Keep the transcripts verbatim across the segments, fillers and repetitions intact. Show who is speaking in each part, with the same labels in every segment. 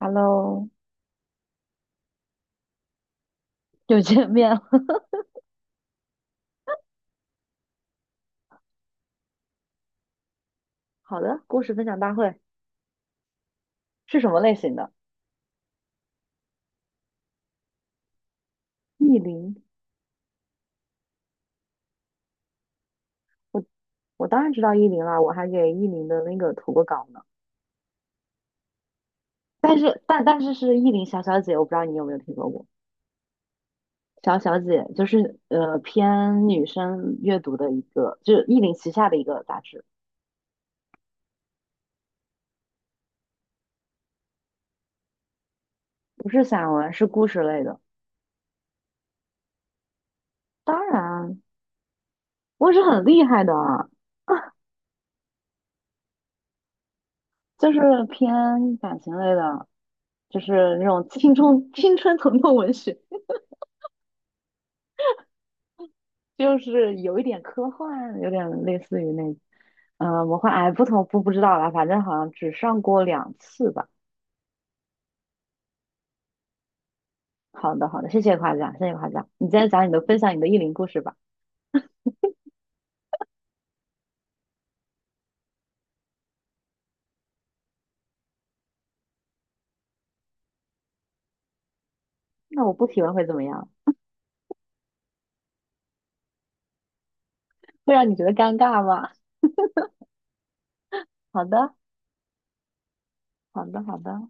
Speaker 1: Hello，又见面了。好的，故事分享大会是什么类型的？意林，我我当然知道意林了，我还给意林的那个投过稿呢。但是但但是是意林小小姐，我不知道你有没有听说过。小小姐就是呃偏女生阅读的一个，就是意林旗下的一个杂志，不是散文，是故事类的。当然，我是很厉害的啊。啊就是偏感情类的，就是那种青春青春疼痛文学。就是有一点科幻，有点类似于那嗯，魔幻，哎，不同不不知道啦，反正好像只上过两次吧。好的，好的，谢谢夸奖，谢谢夸奖。你再讲你的分享你的意林故事吧。那我不提问会怎么样？会让你觉得尴尬吗？好的，好的，好的。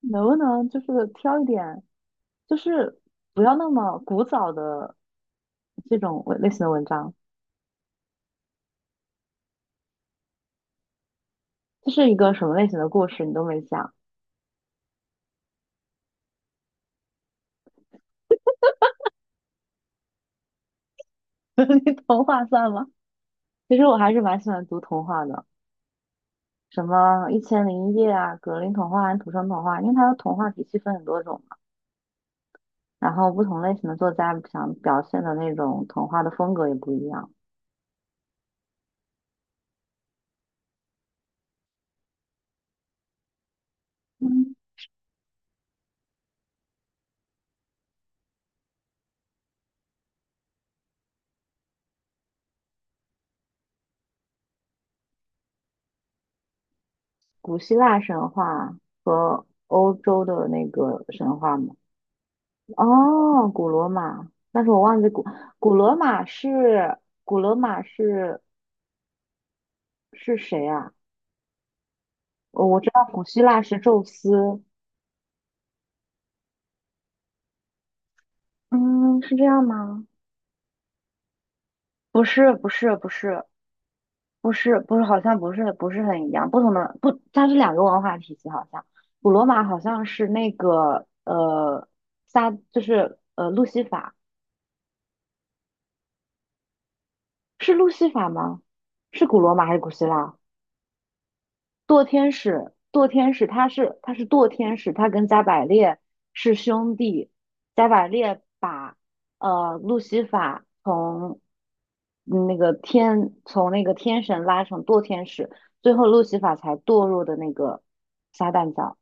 Speaker 1: 能不能就是挑一点，就是不要那么古早的这种文类型的文章？这是一个什么类型的故事？你都没讲。你童话算吗？其实我还是蛮喜欢读童话的。什么《一千零一夜》啊、《格林童话》和《土生童话》，因为它的童话体系分很多种嘛，然后不同类型的作家想表现的那种童话的风格也不一样。嗯，古希腊神话和欧洲的那个神话嘛。哦，古罗马，但是我忘记古古罗马是古罗马是是谁啊？哦我我知道古希腊是宙斯。嗯，是这样吗？不是，不是，不是，不是不是，好像不是不是很一样，不同的不，它是两个文化体系，好像古罗马好像是那个呃撒就是呃路西法是路西法吗？是古罗马还是古希腊？堕天使堕天使他是他是堕天使，他跟加百列是兄弟，加百列把呃路西法从嗯那个天从那个天神拉成堕天使，最后路西法才堕入的那个撒旦教。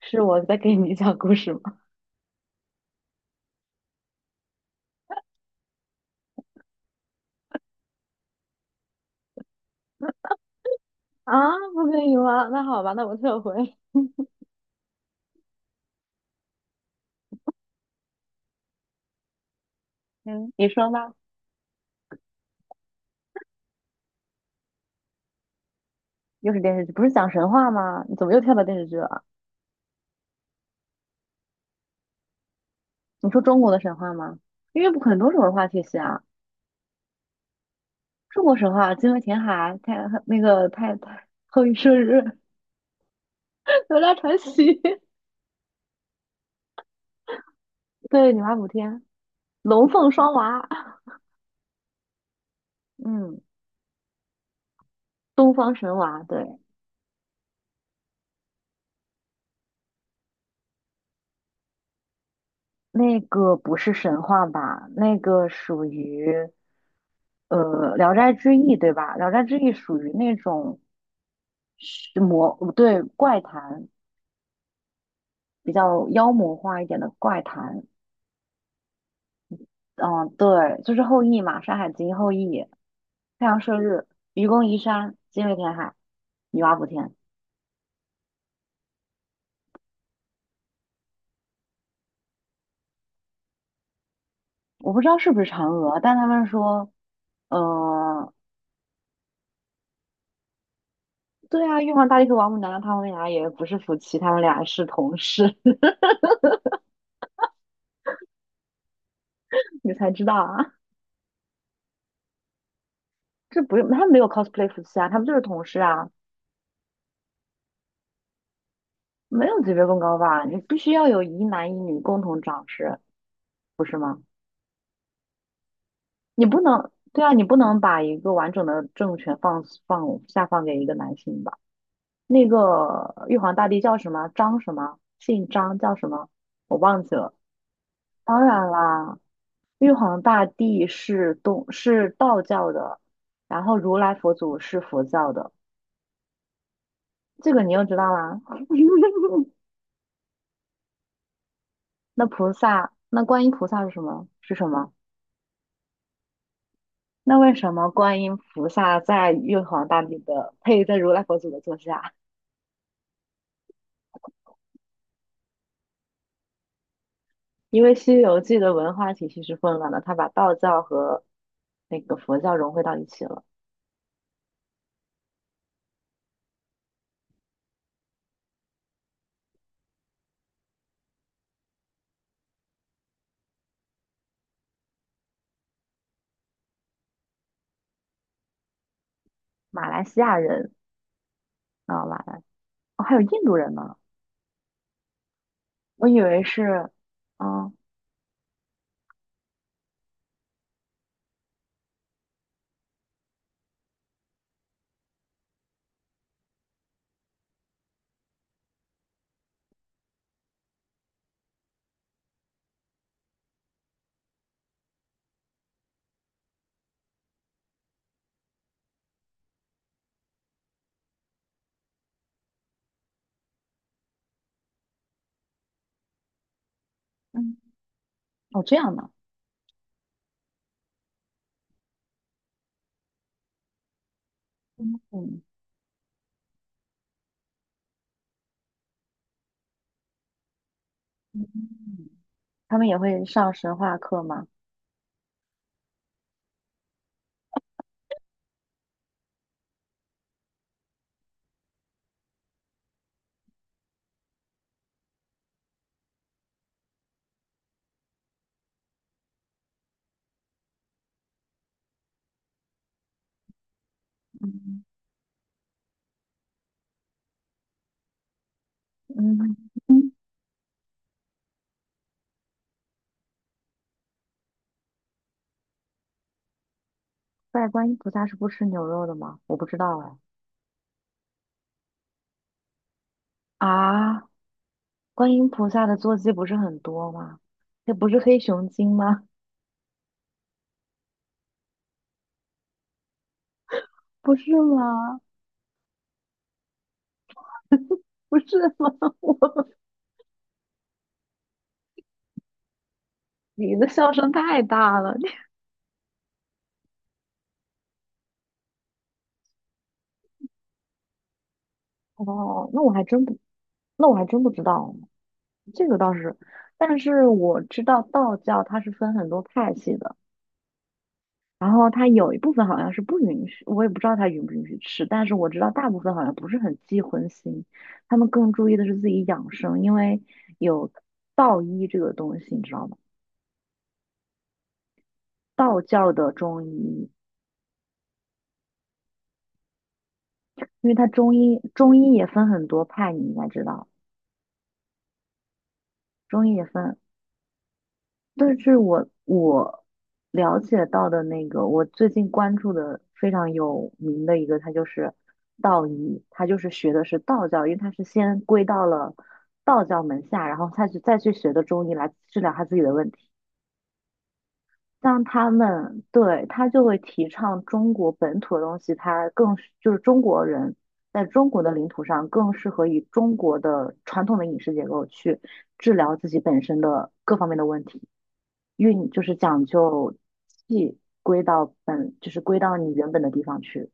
Speaker 1: 是我在给你讲故事吗？啊，不可以吗？那好吧，那我撤回。嗯，你说吧。又是电视剧，不是讲神话吗？你怎么又跳到电视剧了？你说中国的神话吗？因为不很多种文化体系啊，中国神话，精卫填海，太那个太太后羿射日。哪吒传奇。对，女娲补天，龙凤双娃。嗯，东方神娃，对，那个不是神话吧？那个属于呃《聊斋志异》对吧？《聊斋志异》属于那种是魔，对，怪谈，比较妖魔化一点的怪谈。嗯，对，就是后羿嘛，《山海经》后羿，太阳射日，愚公移山，精卫填海，女娲补天。我不知道是不是嫦娥，但他们说，呃，对啊，玉皇大帝和王母娘娘他们俩也不是夫妻，他们俩是同事。你才知道啊。这不用，他们没有 cosplay 夫妻啊，他们就是同事啊。没有级别更高吧？你必须要有一男一女共同掌事，不是吗？你不能，对啊，你不能把一个完整的政权放放下放给一个男性吧？那个玉皇大帝叫什么？张什么？姓张叫什么？我忘记了。当然啦，玉皇大帝是东是道教的，然后如来佛祖是佛教的。这个你又知道啦？那菩萨，那观音菩萨是什么？是什么？那为什么观音菩萨在玉皇大帝的配在如来佛祖的座下？因为《西游记》的文化体系是混乱的，他把道教和那个佛教融汇到一起了。马来西亚人啊、马来哦，还有印度人呢。我以为是，啊，嗯，哦，这样的，嗯嗯，嗯他们也会上神话课吗？嗯嗯嗯，拜观音菩萨是不吃牛肉的吗？我不知道哎。啊，观音菩萨的坐骑不是很多吗？那不是黑熊精吗？不是吗？不是吗？我你的笑声太大了。哦，那我还真不，那我还真不知道，这个倒是，但是我知道道教它是分很多派系的，然后它有一部分好像是不允许，我也不知道它允不允许吃，但是我知道大部分好像不是很忌荤腥，他们更注意的是自己养生，因为有道医这个东西，你知道吗？道教的中医。因为它中医中医也分很多派，你应该知道，中医也分。但是我我了解到的那个，我最近关注的非常有名的一个，它就是道医，它就是学的是道教，因为它是先归到了道教门下，然后他去再去学的中医来治疗他自己的问题。让他们对他就会提倡中国本土的东西，他更是就是中国人在中国的领土上更适合以中国的传统的饮食结构去治疗自己本身的各方面的问题，运就是讲究气归到本，就是归到你原本的地方去。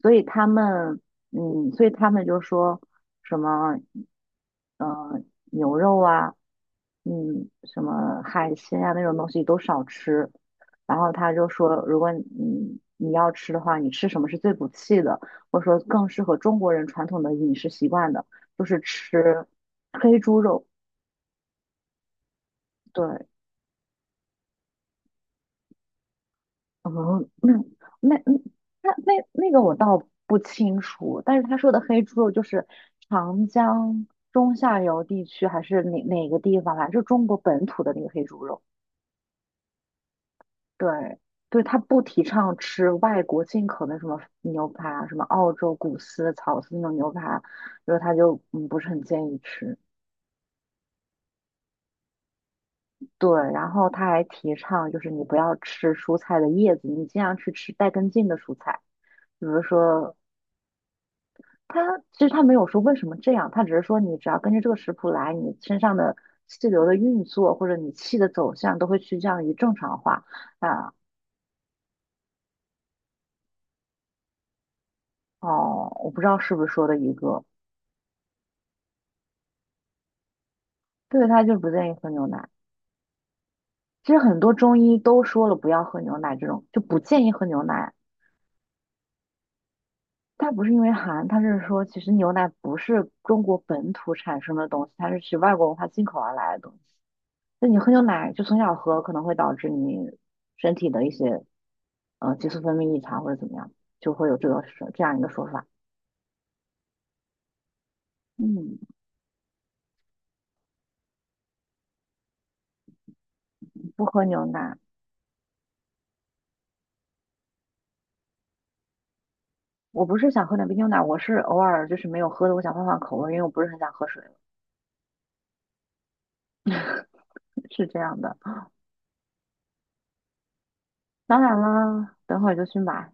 Speaker 1: 所以他们，嗯，所以他们就说什么，呃，牛肉啊，嗯，什么海鲜啊那种东西都少吃。然后他就说，如果你你要吃的话，你吃什么是最补气的，或者说更适合中国人传统的饮食习惯的，就是吃黑猪肉。对，哦，那那那那那个我倒不清楚，但是他说的黑猪肉就是长江中下游地区还是哪哪个地方来，就中国本土的那个黑猪肉。对对，他不提倡吃外国进口的什么牛排啊，什么澳洲谷饲、草饲那种牛排，就是他就嗯不是很建议吃。对，然后他还提倡就是你不要吃蔬菜的叶子，你尽量去吃带根茎的蔬菜。比如说他其实他没有说为什么这样，他只是说你只要根据这个食谱来，你身上的气流的运作或者你气的走向都会趋向于正常化。啊，哦，我不知道是不是说的一个，对，他就是不建议喝牛奶。其实很多中医都说了不要喝牛奶，这种就不建议喝牛奶。它不是因为寒，他是说其实牛奶不是中国本土产生的东西，它是其外国文化进口而来的东西。那你喝牛奶就从小喝，可能会导致你身体的一些呃激素分泌异常或者怎么样，就会有这个是这样一个说法。嗯，不喝牛奶，我不是想喝奶杯牛奶，我是偶尔就是没有喝的，我想换换口味，因为我不是很想喝水了，是这样的。当然啦，等会儿就去买，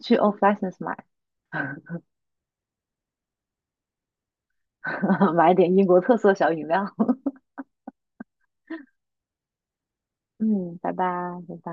Speaker 1: 去 O F license 买。买点英国特色小饮料。嗯，拜拜，拜拜。